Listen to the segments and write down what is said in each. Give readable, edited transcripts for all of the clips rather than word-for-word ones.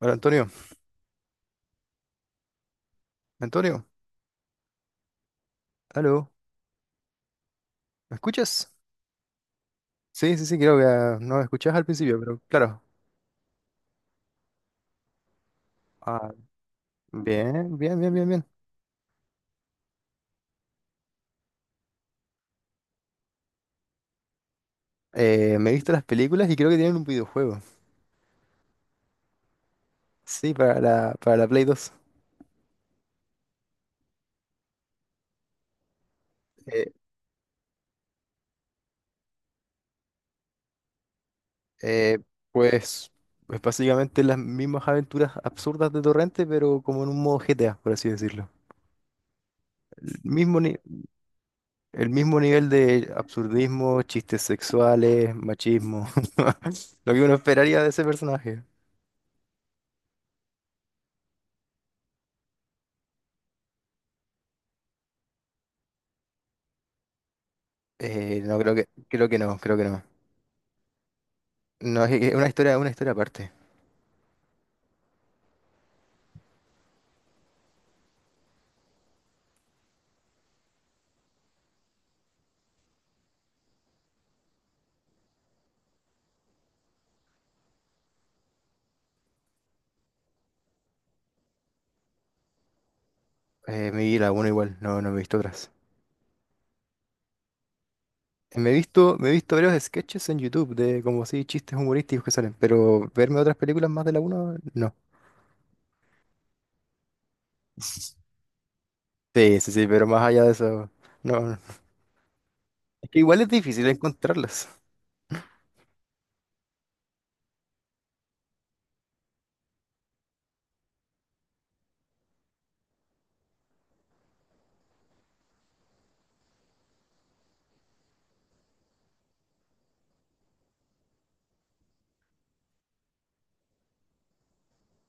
Hola Antonio, Antonio, aló, ¿me escuchas? Sí, sí, sí, creo que no me escuchabas al principio, pero claro. Ah, Bien, bien, bien, bien, bien. Me he visto las películas y creo que tienen un videojuego. Sí, para la Play 2. Eh, eh, pues, pues básicamente las mismas aventuras absurdas de Torrente, pero como en un modo GTA, por así decirlo. El mismo, ni- El mismo nivel de absurdismo, chistes sexuales, machismo, lo que uno esperaría de ese personaje. No creo que, Creo que no, creo que no. No, es que una historia aparte. Me vi la uno igual, no, no me he visto otras. Me he visto varios sketches en YouTube de como así chistes humorísticos que salen, pero verme otras películas más de la uno no. Sí, sí, sí, pero más allá de eso, no. No. Es que igual es difícil encontrarlas.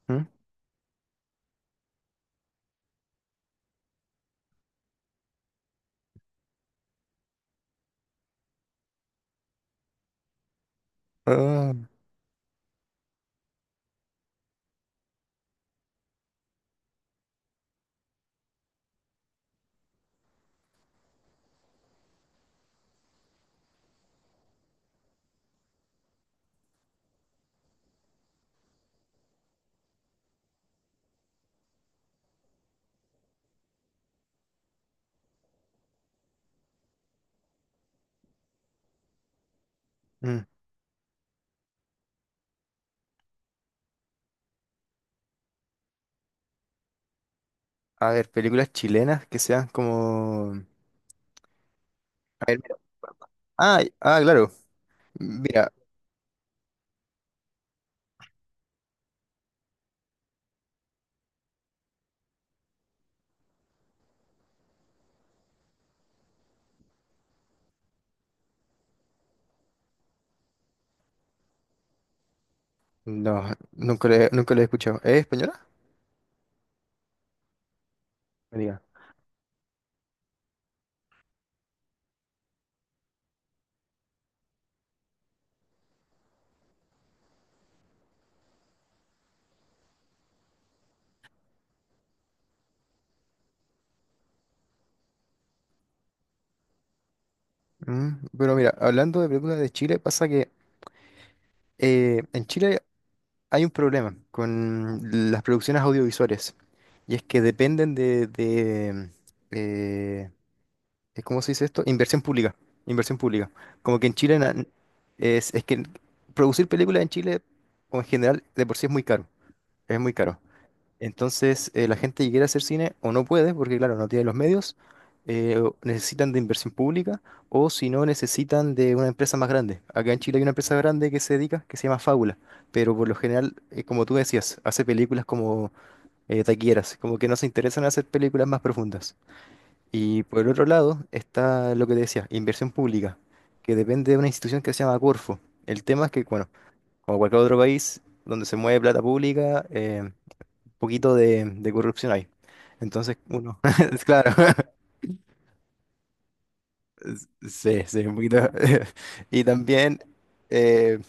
¿Mm? Ah, mm. A ver, películas chilenas que sean como. A ver, mira. Ah, ah, claro. Mira, no, nunca lo he escuchado. ¿Es española? Mm, pero mira, hablando de películas de Chile, pasa que en Chile hay un problema con las producciones audiovisuales. Y es que dependen de, eh, ¿cómo se dice esto? Inversión pública. Inversión pública. Como que en Chile na- Es que producir películas en Chile, o en general, de por sí es muy caro. Es muy caro. Entonces, la gente que quiere hacer cine o no puede, porque claro, no tiene los medios, o necesitan de inversión pública, o si no, necesitan de una empresa más grande. Acá en Chile hay una empresa grande que se dedica, que se llama Fábula, pero por lo general, como tú decías, hace películas como taquilleras, como que no se interesan en hacer películas más profundas. Y por el otro lado está lo que te decía, inversión pública, que depende de una institución que se llama Corfo. El tema es que, bueno, como cualquier otro país donde se mueve plata pública, poquito de corrupción ahí. Entonces, uno, es claro, sí, sí, un poquito. Y también eh,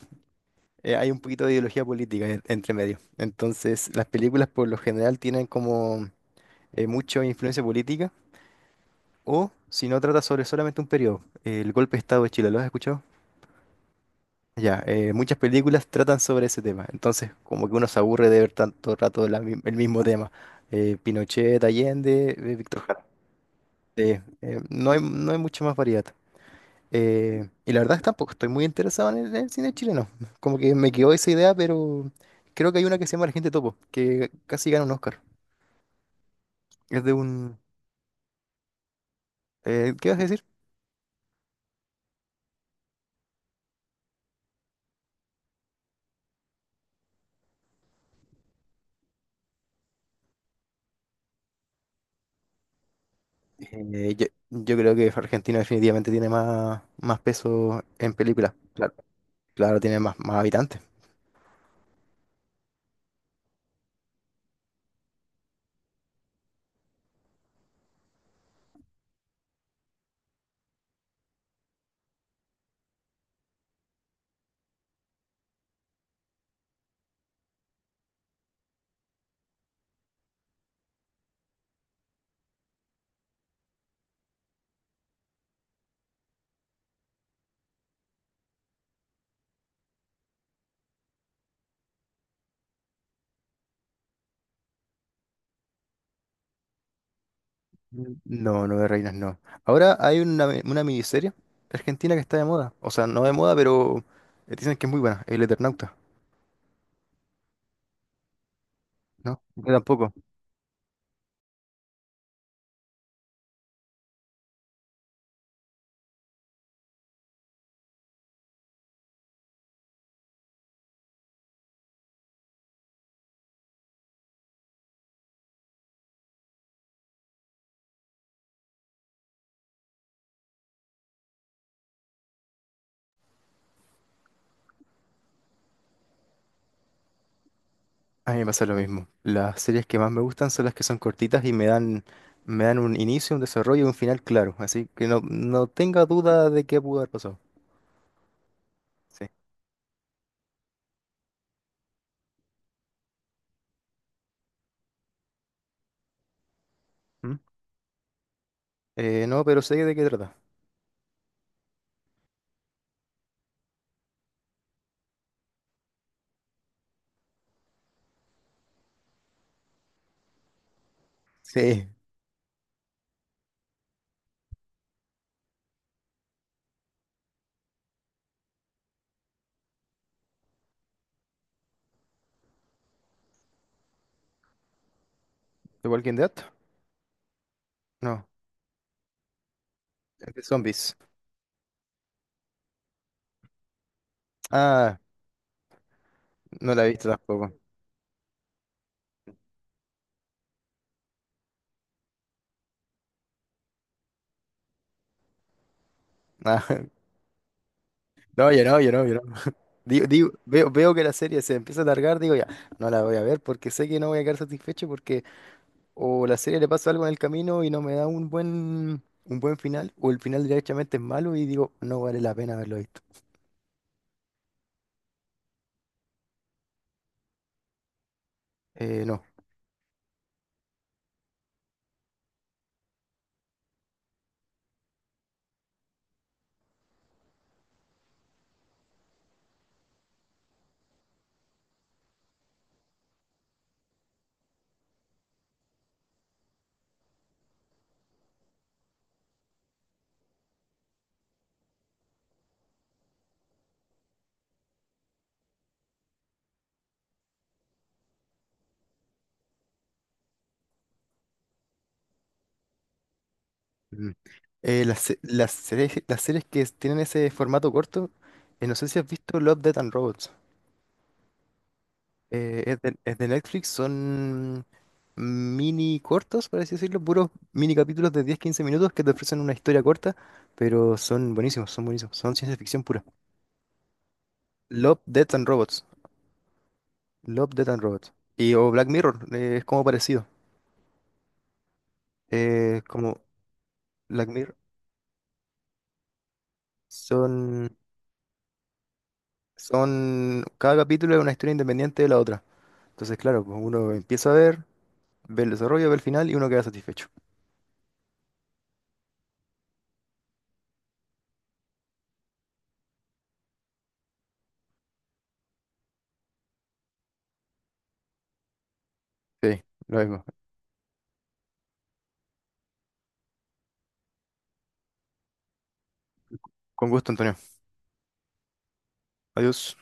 hay un poquito de ideología política entre medio. Entonces, las películas por lo general tienen como mucha influencia política, o si no, trata sobre solamente un periodo. El golpe de Estado de Chile, ¿lo has escuchado? Ya, muchas películas tratan sobre ese tema. Entonces, como que uno se aburre de ver tanto rato el mismo tema. Pinochet, Allende, Víctor sí, no hay mucha más variedad. Y la verdad es que tampoco estoy muy interesado en el cine chileno. Como que me quedó esa idea, pero creo que hay una que se llama La gente Topo, que casi gana un Oscar. Es de un... ¿qué vas a decir? Yo creo que Argentina definitivamente tiene más, más peso en películas. Claro, claro, tiene más, más habitantes. Mm. No, no de reinas, no. Ahora hay una, mi- Una miniserie argentina que está de moda. O sea, no de moda, pero dicen que es muy buena, El Eternauta, ¿no? Yo tampoco. A mí me pasa lo mismo. Las series que más me gustan son las que son cortitas y me dan un inicio, un desarrollo y un final claro. Así que no, no tenga duda de qué pudo haber pasado. Sí. ¿Mm? No, pero sé de qué trata. Sí. ¿De Walking Dead? No. Es de zombies. Ah, no la he visto tampoco. Ah, no, yo no, yo no, yo no. Veo que la serie se empieza a alargar, digo ya, no la voy a ver porque sé que no voy a quedar satisfecho porque o la serie le pasa algo en el camino y no me da un buen final, o el final directamente es malo y digo, no vale la pena haberlo visto. No. Mm. Las series, las series que tienen ese formato corto, no sé si has visto Love, Death and Robots. Es de, es de Netflix, son mini cortos, por así decirlo, puros mini capítulos de 10 15 minutos que te ofrecen una historia corta, pero son buenísimos, son buenísimos, son ciencia ficción pura. Love, Death and Robots. Love, Death and Robots. Y o Black Mirror, es como parecido. Como Black Mirror son, son, cada capítulo es una historia independiente de la otra. Entonces, claro, pues uno empieza a ver, ve el desarrollo, ve el final y uno queda satisfecho. Sí, lo mismo. Con gusto, Antonio. Adiós.